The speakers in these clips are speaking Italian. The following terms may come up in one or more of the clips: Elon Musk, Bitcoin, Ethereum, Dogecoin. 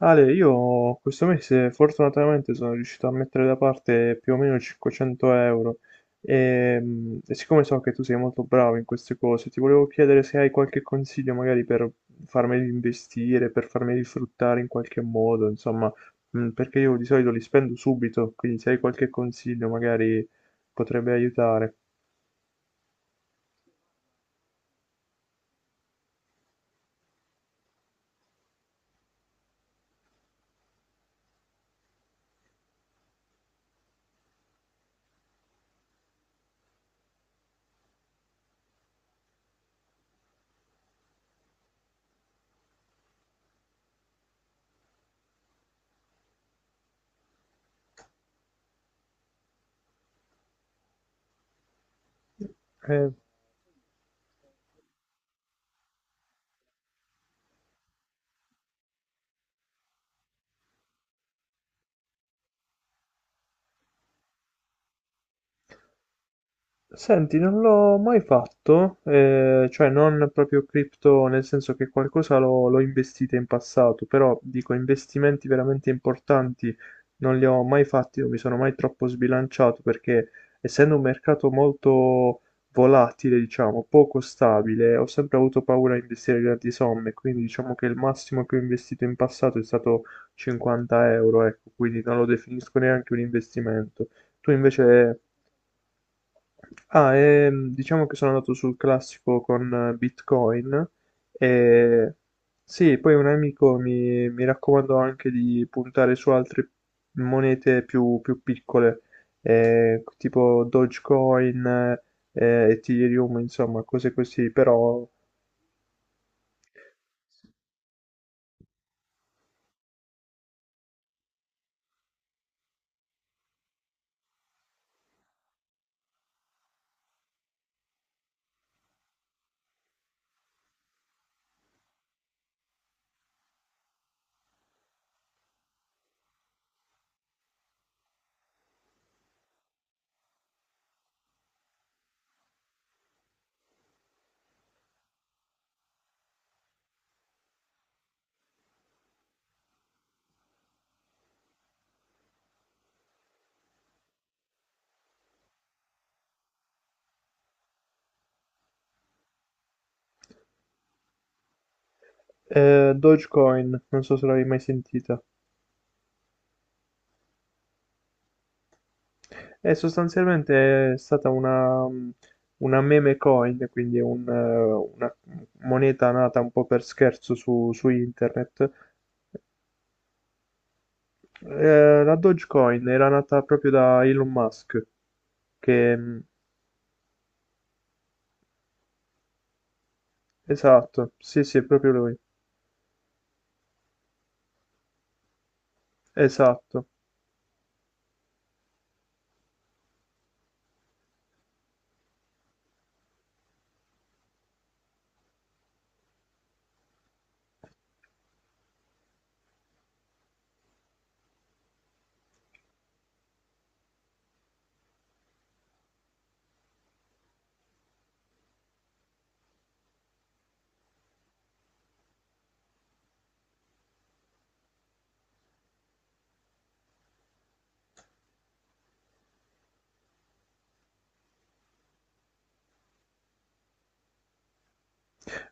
Ale, io questo mese fortunatamente sono riuscito a mettere da parte più o meno 500 euro e siccome so che tu sei molto bravo in queste cose, ti volevo chiedere se hai qualche consiglio magari per farmeli investire, per farmeli fruttare in qualche modo, insomma, perché io di solito li spendo subito, quindi se hai qualche consiglio magari potrebbe aiutare. Eh, Senti, non l'ho mai fatto, cioè non proprio cripto, nel senso che qualcosa l'ho investita in passato, però dico investimenti veramente importanti non li ho mai fatti, non mi sono mai troppo sbilanciato perché essendo un mercato molto volatile, diciamo, poco stabile, ho sempre avuto paura a investire grandi somme, quindi diciamo che il massimo che ho investito in passato è stato 50 euro, ecco, quindi non lo definisco neanche un investimento. Tu invece... Ah, diciamo che sono andato sul classico con Bitcoin e sì, poi un amico mi raccomandò anche di puntare su altre monete più piccole, tipo Dogecoin, Ethereum, insomma, cose così, però Dogecoin, non so se l'avevi mai sentita. E sostanzialmente è stata una una meme coin, quindi un una moneta nata un po' per scherzo su internet. La Dogecoin era nata proprio da Elon Musk, che mhmm, esatto, sì, sì, è proprio lui, esatto.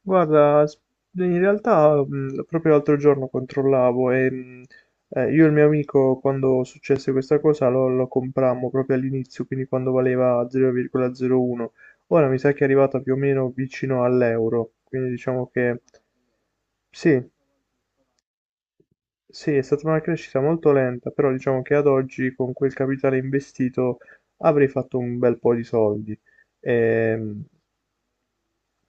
Guarda, in realtà proprio l'altro giorno controllavo e io e il mio amico quando successe questa cosa lo comprammo proprio all'inizio, quindi quando valeva 0,01. Ora mi sa che è arrivata più o meno vicino all'euro, quindi diciamo che sì, sì, è stata una crescita molto lenta, però diciamo che ad oggi con quel capitale investito avrei fatto un bel po' di soldi. Ehm,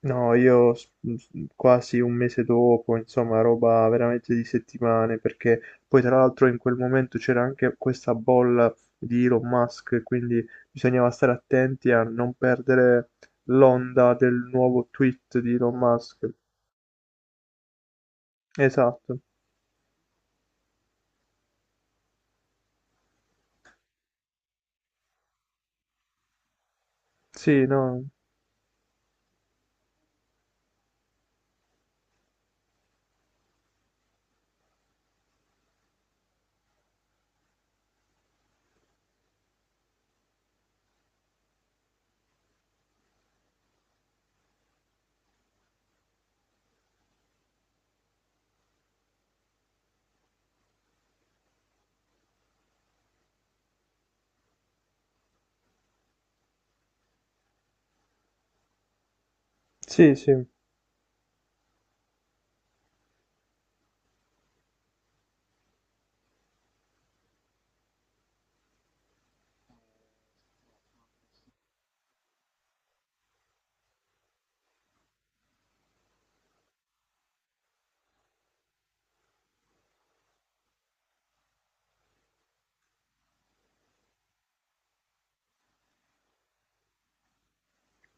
No, s- quasi un mese dopo, insomma, roba veramente di settimane, perché poi tra l'altro in quel momento c'era anche questa bolla di Elon Musk, quindi bisognava stare attenti a non perdere l'onda del nuovo tweet di Elon Musk. Esatto. Sì, no. Sì, sì,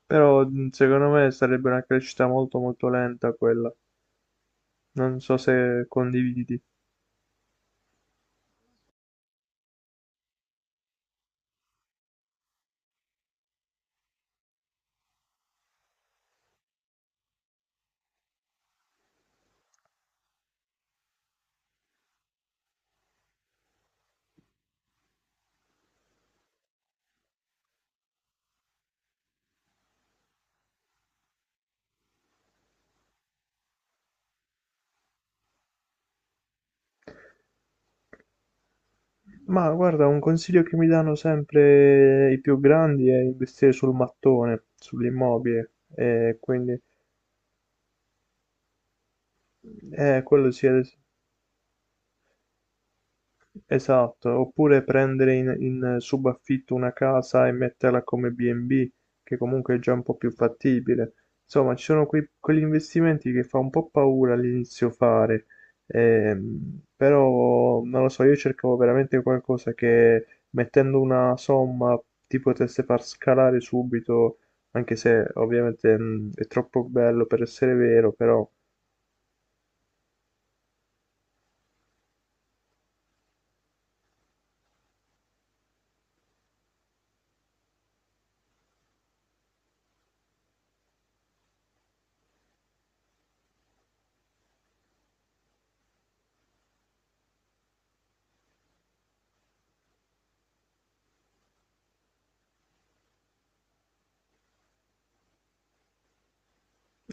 però secondo me sarebbe una crescita molto molto lenta quella. Non so se condividi. Ma guarda, un consiglio che mi danno sempre i più grandi è investire sul mattone, sull'immobile, e quindi quello sì. Esatto, oppure prendere in subaffitto una casa e metterla come B&B, che comunque è già un po' più fattibile. Insomma, ci sono quegli investimenti che fa un po' paura all'inizio fare, però non lo so, io cercavo veramente qualcosa che mettendo una somma ti potesse far scalare subito, anche se ovviamente è troppo bello per essere vero, però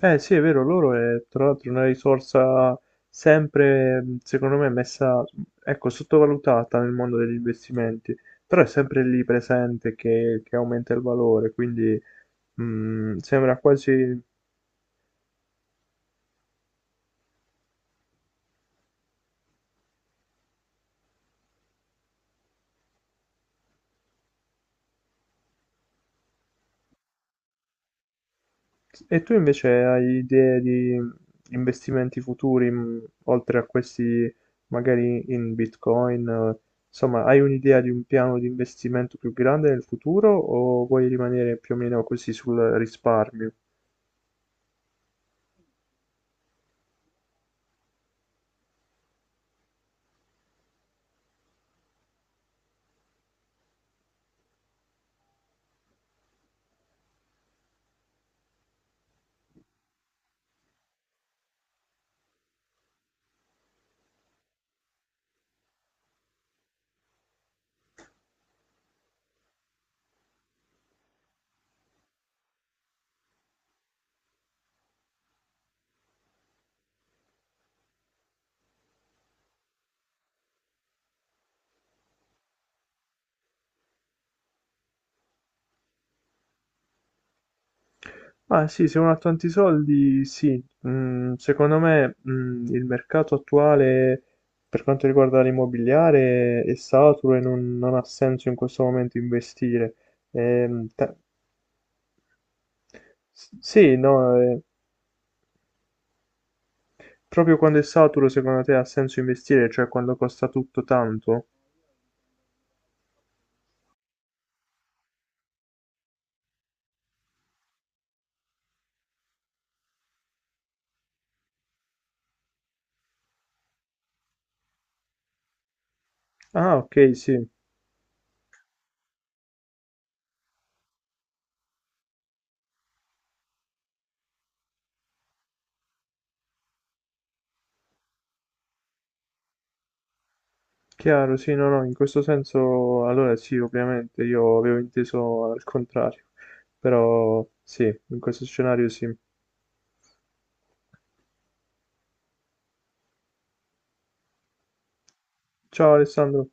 eh sì, è vero, loro è tra l'altro una risorsa sempre, secondo me, messa, ecco, sottovalutata nel mondo degli investimenti, però è sempre lì presente che aumenta il valore, quindi sembra quasi... E tu invece hai idee di investimenti futuri, oltre a questi magari in Bitcoin, insomma, hai un'idea di un piano di investimento più grande nel futuro o vuoi rimanere più o meno così sul risparmio? Ma sì, se uno ha tanti soldi, sì. Mm, secondo me, mm, il mercato attuale per quanto riguarda l'immobiliare è saturo e non ha senso in questo momento investire. Ehm, te- s- sì, no, proprio quando è saturo, secondo te ha senso investire, cioè quando costa tutto tanto? Ah, ok, sì, chiaro, sì, no, no, in questo senso, allora sì, ovviamente, io avevo inteso al contrario, però sì, in questo scenario sì. Ciao Alessandro.